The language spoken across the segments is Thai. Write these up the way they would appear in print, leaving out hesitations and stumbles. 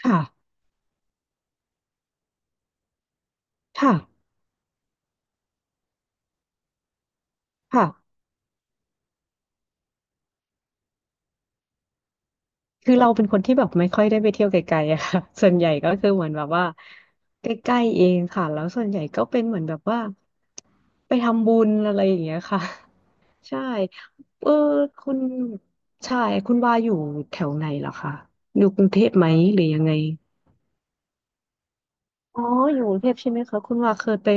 ค่ะ ค่ะค่ะคือเราเป็นคนที่แบบไม่ค่อยได้ไปเที่ยวไกลๆอะค่ะ ส่วนใหญ่ก็คือเหมือนแบบว่าใกล้ๆ เองค่ะแล้วส่วนใหญ่ก็เป็นเหมือนแบบว่าไปทำบุญอะไรอย่างเงี้ยค่ะ ใช่เออคุณใช่คุณว่าอยู่แถวไหนเหรอคะอยู่กรุงเทพไหมหรือยังไงอ๋ออยู่กรุงเทพใช่ไหมคะคุณว่าเคยไป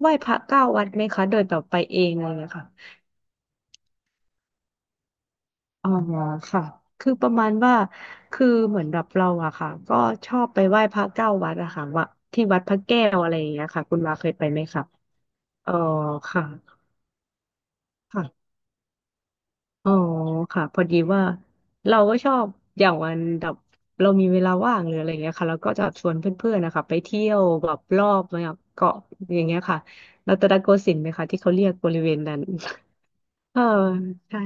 ไหว้พระเก้าวัดไหมคะโดยแบบไปเองอะไรงเลยค่ะ อ๋อค่ะคือประมาณว่าคือเหมือนแบบเราอะค่ะก็ชอบไปไหว้พระเก้าวัดอะค่ะว่าที่วัดพระแก้วอะไรอย่างเงี้ยค่ะคุณมาเคยไปไหมคะอ๋อค่ะค่ะอ๋อค่ะพอดีว่าเราก็ชอบอย่างวันแบบเรามีเวลาว่างหรืออะไรอย่างเงี้ยค่ะเราก็จะชวนเพื่อนๆนะคะไปเที่ยวแบบรอบแบบเกาะอย่างเงี้ยค่ะรัตนโกสินทร์ไหมคะที่เขาเรียกบริเวณนั้น เออใช่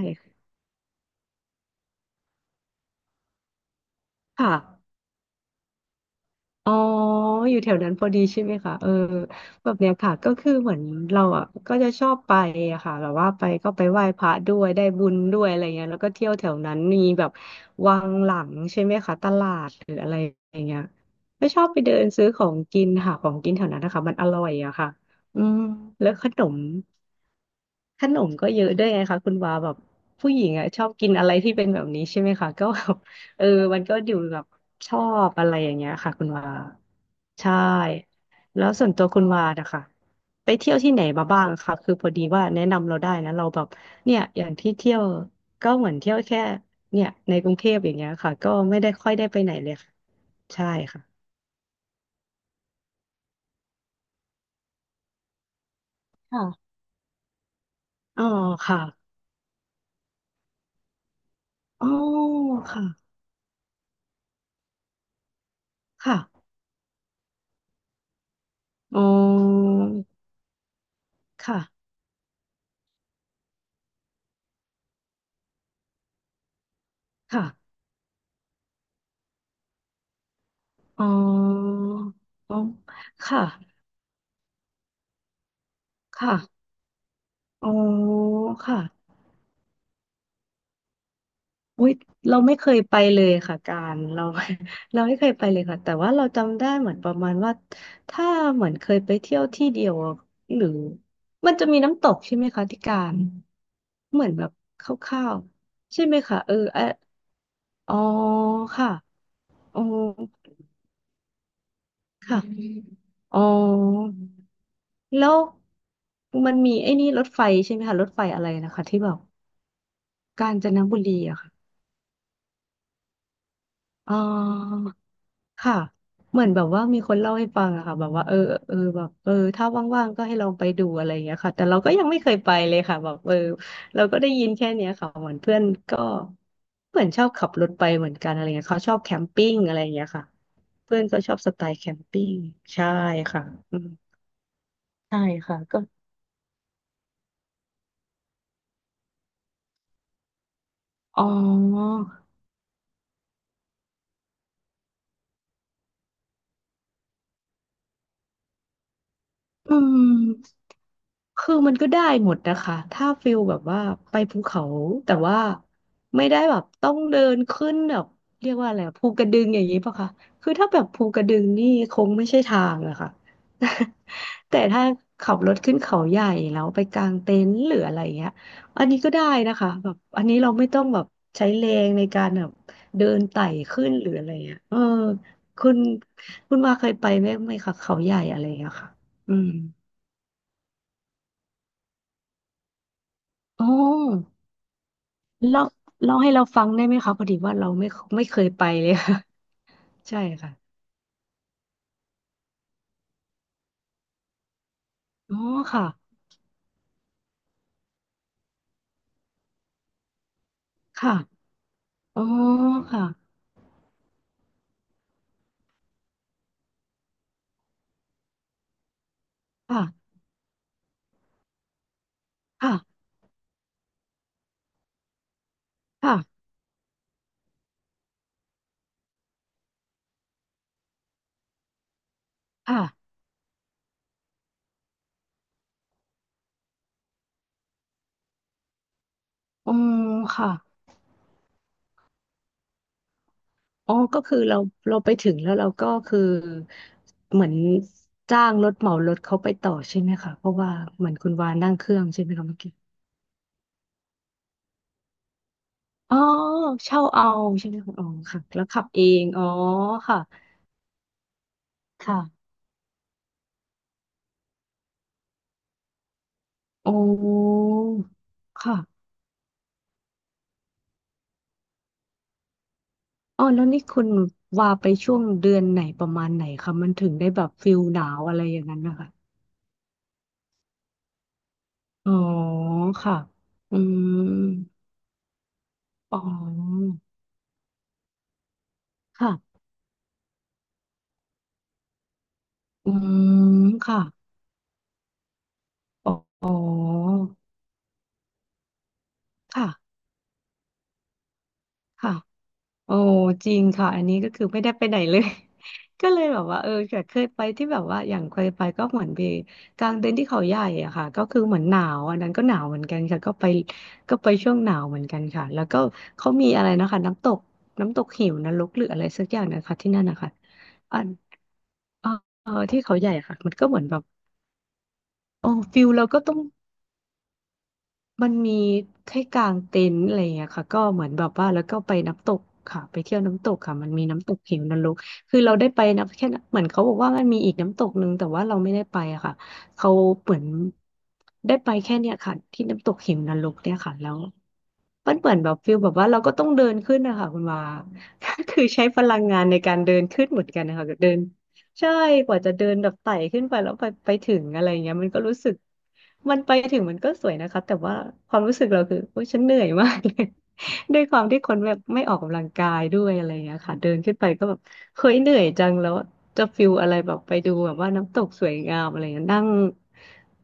ค่ะ อ๋ออยู่แถวนั้นพอดีใช่ไหมคะเออแบบเนี้ยค่ะก็คือเหมือนเราอ่ะก็จะชอบไปอะค่ะแบบว่าไปก็ไปไหว้พระด้วยได้บุญด้วยอะไรเงี้ยแล้วก็เที่ยวแถวนั้นมีแบบวังหลังใช่ไหมคะตลาดหรืออะไรอย่างเงี้ยก็ชอบไปเดินซื้อของกินค่ะของกินแถวนั้นนะคะมันอร่อยอะค่ะอืมแล้วขนม ขนมก็เยอะด้วยไงคะคุณวาแบบผู้หญิงอ่ะชอบกินอะไรที่เป็นแบบนี้ใช่ไหมคะก็แบบ เออมันก็อยู่แบบชอบอะไรอย่างเงี้ยค่ะคุณวาใช่แล้วส่วนตัวคุณวานะคะไปเที่ยวที่ไหนมาบ้างคะคือพอดีว่าแนะนำเราได้นะเราแบบเนี่ยอย่างที่เที่ยวก็เหมือนเที่ยวแค่เนี่ยในกรุงเทพอย่างเงี้ยค่ะก็ไม่ได้ค่อยได้ไปไหนเลยค่ะใช่ค่ะค่ะอ๋อค่ะอ๋อค่ะค่ะอ๋อค่ะค่ะ อ๋ออ๋อค่ะค่ะอ๋อค่ะอุ้ยเราไม่เคยไปเลยค่ะการเรา เราไม่เคยไปเลยค่ะ แต่ว่าเราจำได้เหมือนประมาณว่าถ้าเหมือนเคยไปเที่ยวที่เดียวอะหรือมันจะมีน้ำตกใช่ไหมคะที่การเหมือนแบบคร่าวๆใช่ไหมคะเออเอะอ๋อค่ะอ๋อค่ะอ๋อแล้วมันมีไอ้นี่รถไฟใช่ไหมคะรถไฟอะไรนะคะที่แบบกาญจนบุรีอะค่ะ อ่าค่ะเหมือนแบบว่ามีคนเล่าให้ฟังอะค่ะแบบว่าเออเออแบบเออถ้าว่างๆก็ให้ลองไปดูอะไรอย่างเงี้ยค่ะแต่เราก็ยังไม่เคยไปเลยค่ะแบบเออเราก็ได้ยินแค่เนี้ยค่ะเหมือนเพื่อนก็เหมือนชอบขับรถไปเหมือนกันอะไรเงี้ยเขาชอบแคมปิ้งอะไรอย่างเงี้ยค่ะเพื่อนก็ชอบสไตล์แคมปิ้งใช่ค่ะอืมใช่ค่ะก็อ๋ออืม คือมันก็ได้หมดนะคะ ถ้าฟิลแบบว่าไปภูเขาแต่ว่าไม่ได้แบบต้องเดินขึ้นแบบเรียกว่าอะไรอะภูกระดึงอย่างนี้ปะคะคือถ้าแบบภูกระดึงนี่คงไม่ใช่ทางอะค่ะ แต่ถ้าขับรถขึ้นเขาใหญ่แล้วไปกางเต็นท์หรืออะไรเงี้ยอันนี้ก็ได้นะคะแบบอันนี้เราไม่ต้องแบบใช้แรงในการแบบเดินไต่ขึ้นหรืออะไรเงี้ยเออคุณคุณว่าเคยไปไหมไหมคะเขาใหญ่อะไรอะค่ะอืมอ๋อ เล่าเล่าให้เราฟังได้ไหมคะพอดีว่าเราไม่เคยไปเลยค่ะ ใช่ค่ะอ๋อค่ะค่ะอ๋อค่ะค่ะค่ะค่ะค่ะอ๋อค่ะอ๋อก็คือเราไปถึงแล้วเราก็คือเหมือนจ้างรถเหมารถเขาไปต่อใช่ไหมคะเพราะว่าเหมือนคุณวานนั่งเครื่องใช่ไหมคะเมื่อกี้อ๋อเช่าเอาใช่ไหมคะอ๋อค่ะแล้วขับเองอ๋อค่ะค่ะอ๋อค่ะ อ๋อแล้วนี่คุณว่าไปช่วงเดือนไหนประมาณไหนคะมันถึงได้แบบฟิลหนาวอะไรอย่างนั้นนะคะอ๋อค่ะอืมอ๋อค่ะอืมค่ะอ๋อค่ะค่ะ โอ้จริงค่ะอันนี้ก็คือไม่ได้ไปไหนเลย ก็เลยแบบว่าเออแต่เคยไปที่แบบว่าอย่างเคยไปก็เหมือนไปกลางเต็นท์ที่เขาใหญ่อะค่ะก็คือเหมือนหนาวอันนั้นก็หนาวเหมือนกันค่ะก็ไปช่วงหนาวเหมือนกันค่ะแล้วก็เขามีอะไรนะคะน้ำตกเหวนรกหรืออะไรสักอย่างนะคะที่นั่นนะคะอันเออเออที่เขาใหญ่ค่ะมันก็เหมือนแบบโอ้ฟิลเราก็ต้อง มันมีแค้กางเต็นท์อะไรอย่างเงี้ยค่ะก็เหมือนแบบว่าแล้วก็ไปน้ำตกค่ะไปเที่ยวน้ำตกค่ะมันมีน้ำตกเหวนรกคือเราได้ไปนะแค่นั้นเหมือนเขาบอกว่ามันมีอีกน้ำตกหนึ่งแต่ว่าเราไม่ได้ไปอะค่ะเขาเหมือนได้ไปแค่เนี้ยค่ะที่น้ำตกเหวนรกเนี่ยค่ะแล้วมันเหมือนแบบฟิลแบบว่าเราก็ต้องเดินขึ้นนะคะคุณวา ก็คือใช้พลังงานในการเดินขึ้นเหมือนกันนะคะเดิน ใช่กว่าจะเดินแบบไต่ขึ้นไปแล้วไปถึงอะไรเงี้ยมันก็รู้สึกมันไปถึงมันก็สวยนะคะแต่ว่าความรู้สึกเราคือโอ้ยฉันเหนื่อยมากเลย ด้วยความที่คนแบบไม่ออกกำลังกายด้วยอะไรเงี้ยค่ะเดินขึ้นไปก็แบบเคยเหนื่อยจังแล้วจะฟิลอะไรแบบไปดูแบบว่าน้ำตกสวยงามอะไรเงี้ยนั่ง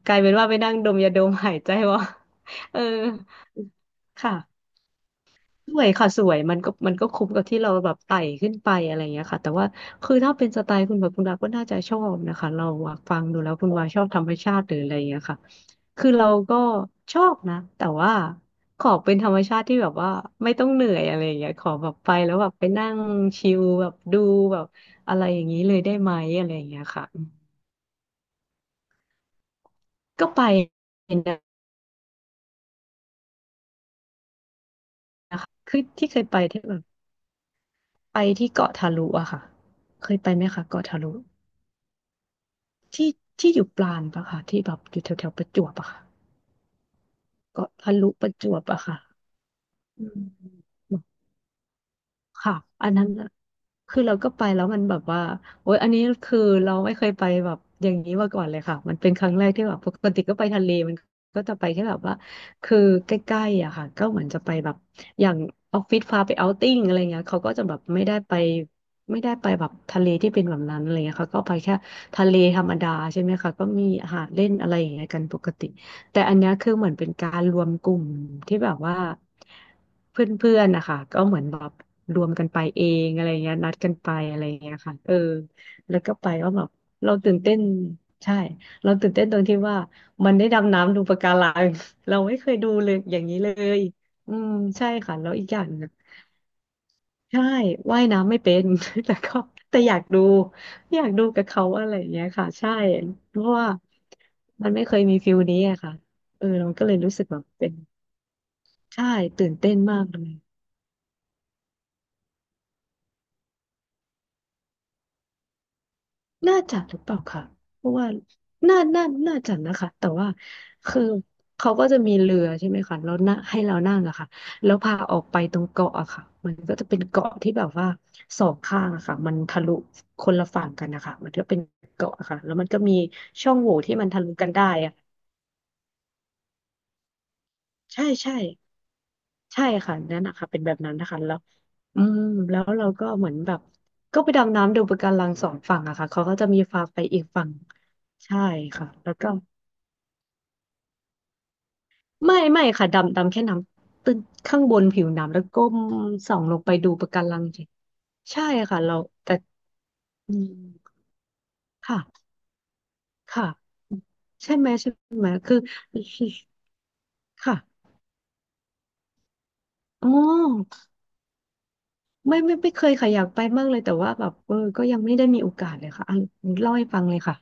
กลายเป็นว่าไปนั่งดมยาดมหายใจว่า เออค่ะ สวยค่ะสวยมันก็คุ้มกับที่เราแบบไต่ขึ้นไปอะไรอย่างเงี้ยค่ะแต่ว่าคือถ้าเป็นสไตล์คุณแบบคุณดาก็น่าจะชอบนะคะเราอะฟังดูแล้วคุณวาชอบธรรมชาติหรืออะไรอย่างเงี้ยค่ะคือเราก็ชอบนะแต่ว่าขอเป็นธรรมชาติที่แบบว่าไม่ต้องเหนื่อยอะไรอย่างเงี้ยขอแบบไปแล้วแบบไปนั่งชิลแบบดูแบบอะไรอย่างนี้เลยได้ไหมอะไรอย่างเงี้ยค่ะก็ไปนะคะคือที่เคยไปที่แบบไปที่เกาะทาลุอะค่ะเคยไปไหมคะเกาะทาลุ ที่ที่อยู่ปราณปะค่ะที่แบบอยู่แถวแถวประจวบอะค่ะเกาะทะลุประจวบอะค่ะอืมค่ะอันนั้นน่ะคือเราก็ไปแล้วมันแบบว่าโอ๊ยอันนี้คือเราไม่เคยไปแบบอย่างนี้มาก่อนเลยค่ะมันเป็นครั้งแรกที่แบบปกติก็ไปทะเลมันก็จะไปแค่แบบว่าคือใกล้ๆอะค่ะก็เหมือนจะไปแบบอย่างออฟฟิศพาไปเอาท์ติ้งอะไรเงี้ยเขาก็จะแบบไม่ได้ไปไม่ได้ไปแบบทะเลที่เป็นแบบนั้นอะไรเงี้ยเขาก็ไปแค่ทะเลธรรมดาใช่ไหมคะก็มีหาดเล่นอะไรอย่างเงี้ยกันปกติ แต่อันเนี้ยคือเหมือนเป็นการรวมกลุ่มที่แบบว่าเพื่อนๆนะคะก็เหมือนแบบรวมกันไปเองอะไรเงี้ยนัดกันไปอะไรเงี้ยค่ะเออแล้วก็ไปว่าแบบเราตื่นเต้นใช่เราตื่นเต้นตรงที่ว่ามันได้ดำน้ำดูปะการัง เราไม่เคยดูเลยอย่างนี้เลยอืมใช่ค่ะแล้วอีกอย่างหนึ่ง ใช่ว่ายน้ำไม่เป็น แต่ก็แต่อยากดูอยากดูกับเขาอะไรอย่างเงี้ยค่ะ ใช่เพราะว่ามันไม่เคยมีฟิลนี้อะค่ะ เออเราก็เลยรู้สึกแบบเป็น ใช่ตื่นเต้นมากเลย น่าจะหรือเปล่าค่ะเพราะว่าน่าจะนะคะแต่ว่าคือเขาก็จะมีเรือใช่ไหมคะแล้วน่ะให้เรานั่งอะค่ะแล้วพาออกไปตรงเกาะอะค่ะ มันก็จะเป็นเกาะที่แบบว่าสองข้างอะค่ะมันทะลุคนละฝั่งกันนะคะมันก็เป็นเกาะอะค่ะ แล้วมันก็มีช่องโหว่ที่มันทะลุกันได้อะใช่ใช่ใช่ค่ะนั่นอะค่ะเป็นแบบนั้นนะคะแล้วอืมแล้วเราก็เหมือนแบบก็ไปดำน้ำดูปะการังสองฝั่งอะค่ะเขาก็จะมีพาไปอีกฝั่งใช่ค่ะแล้วก็ ไม่ค่ะดำแค่น้ำตึ้งข้างบนผิวน้ำแล้วก้มส่องลงไปดูปะการังสิใช่ค่ะเราแต่อืมค่ะค่ะใช่ไหมใช่ไหมคือค่ะอ๋อไม่เคยค่ะอยากไปมากเลยแต่ว่าแบบเออก็ยังไม่ได้มีโอกาสเลยค่ะอ่ะเล่าให้ฟังเลยค่ะ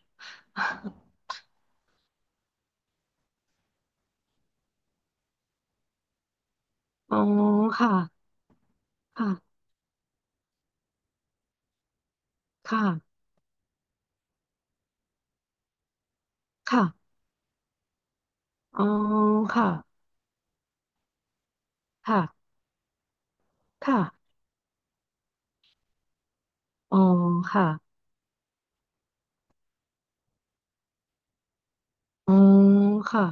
อ๋อค่ะค่ะค่ะค่ะอ๋อค่ะค่ะค่ะอ๋อค่ะอ๋อค่ะ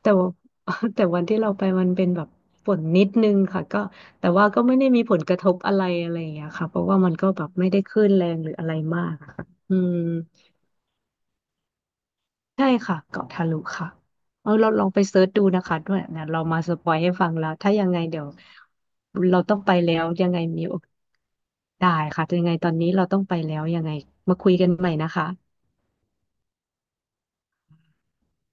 แต่ว่า แต่วันที่เราไปมันเป็นแบบฝนนิดนึงค่ะก็แต่ว่าก็ไม่ได้มีผลกระทบอะไรอะไรอย่างเงี้ยค่ะเพราะว่ามันก็แบบไม่ได้คลื่นแรงหรืออะไรมากอะค่ะอืมใช่ค่ะเกาะทะลุค่ะเอาเราลองไปเซิร์ชดูนะคะด้วยนะเรามาสปอยให้ฟังแล้วถ้ายังไงเดี๋ยวเราต้องไปแล้วยังไงมีโอกาสได้ค่ะยังไงตอนนี้เราต้องไปแล้วยังไงมาคุยกันใหม่นะคะ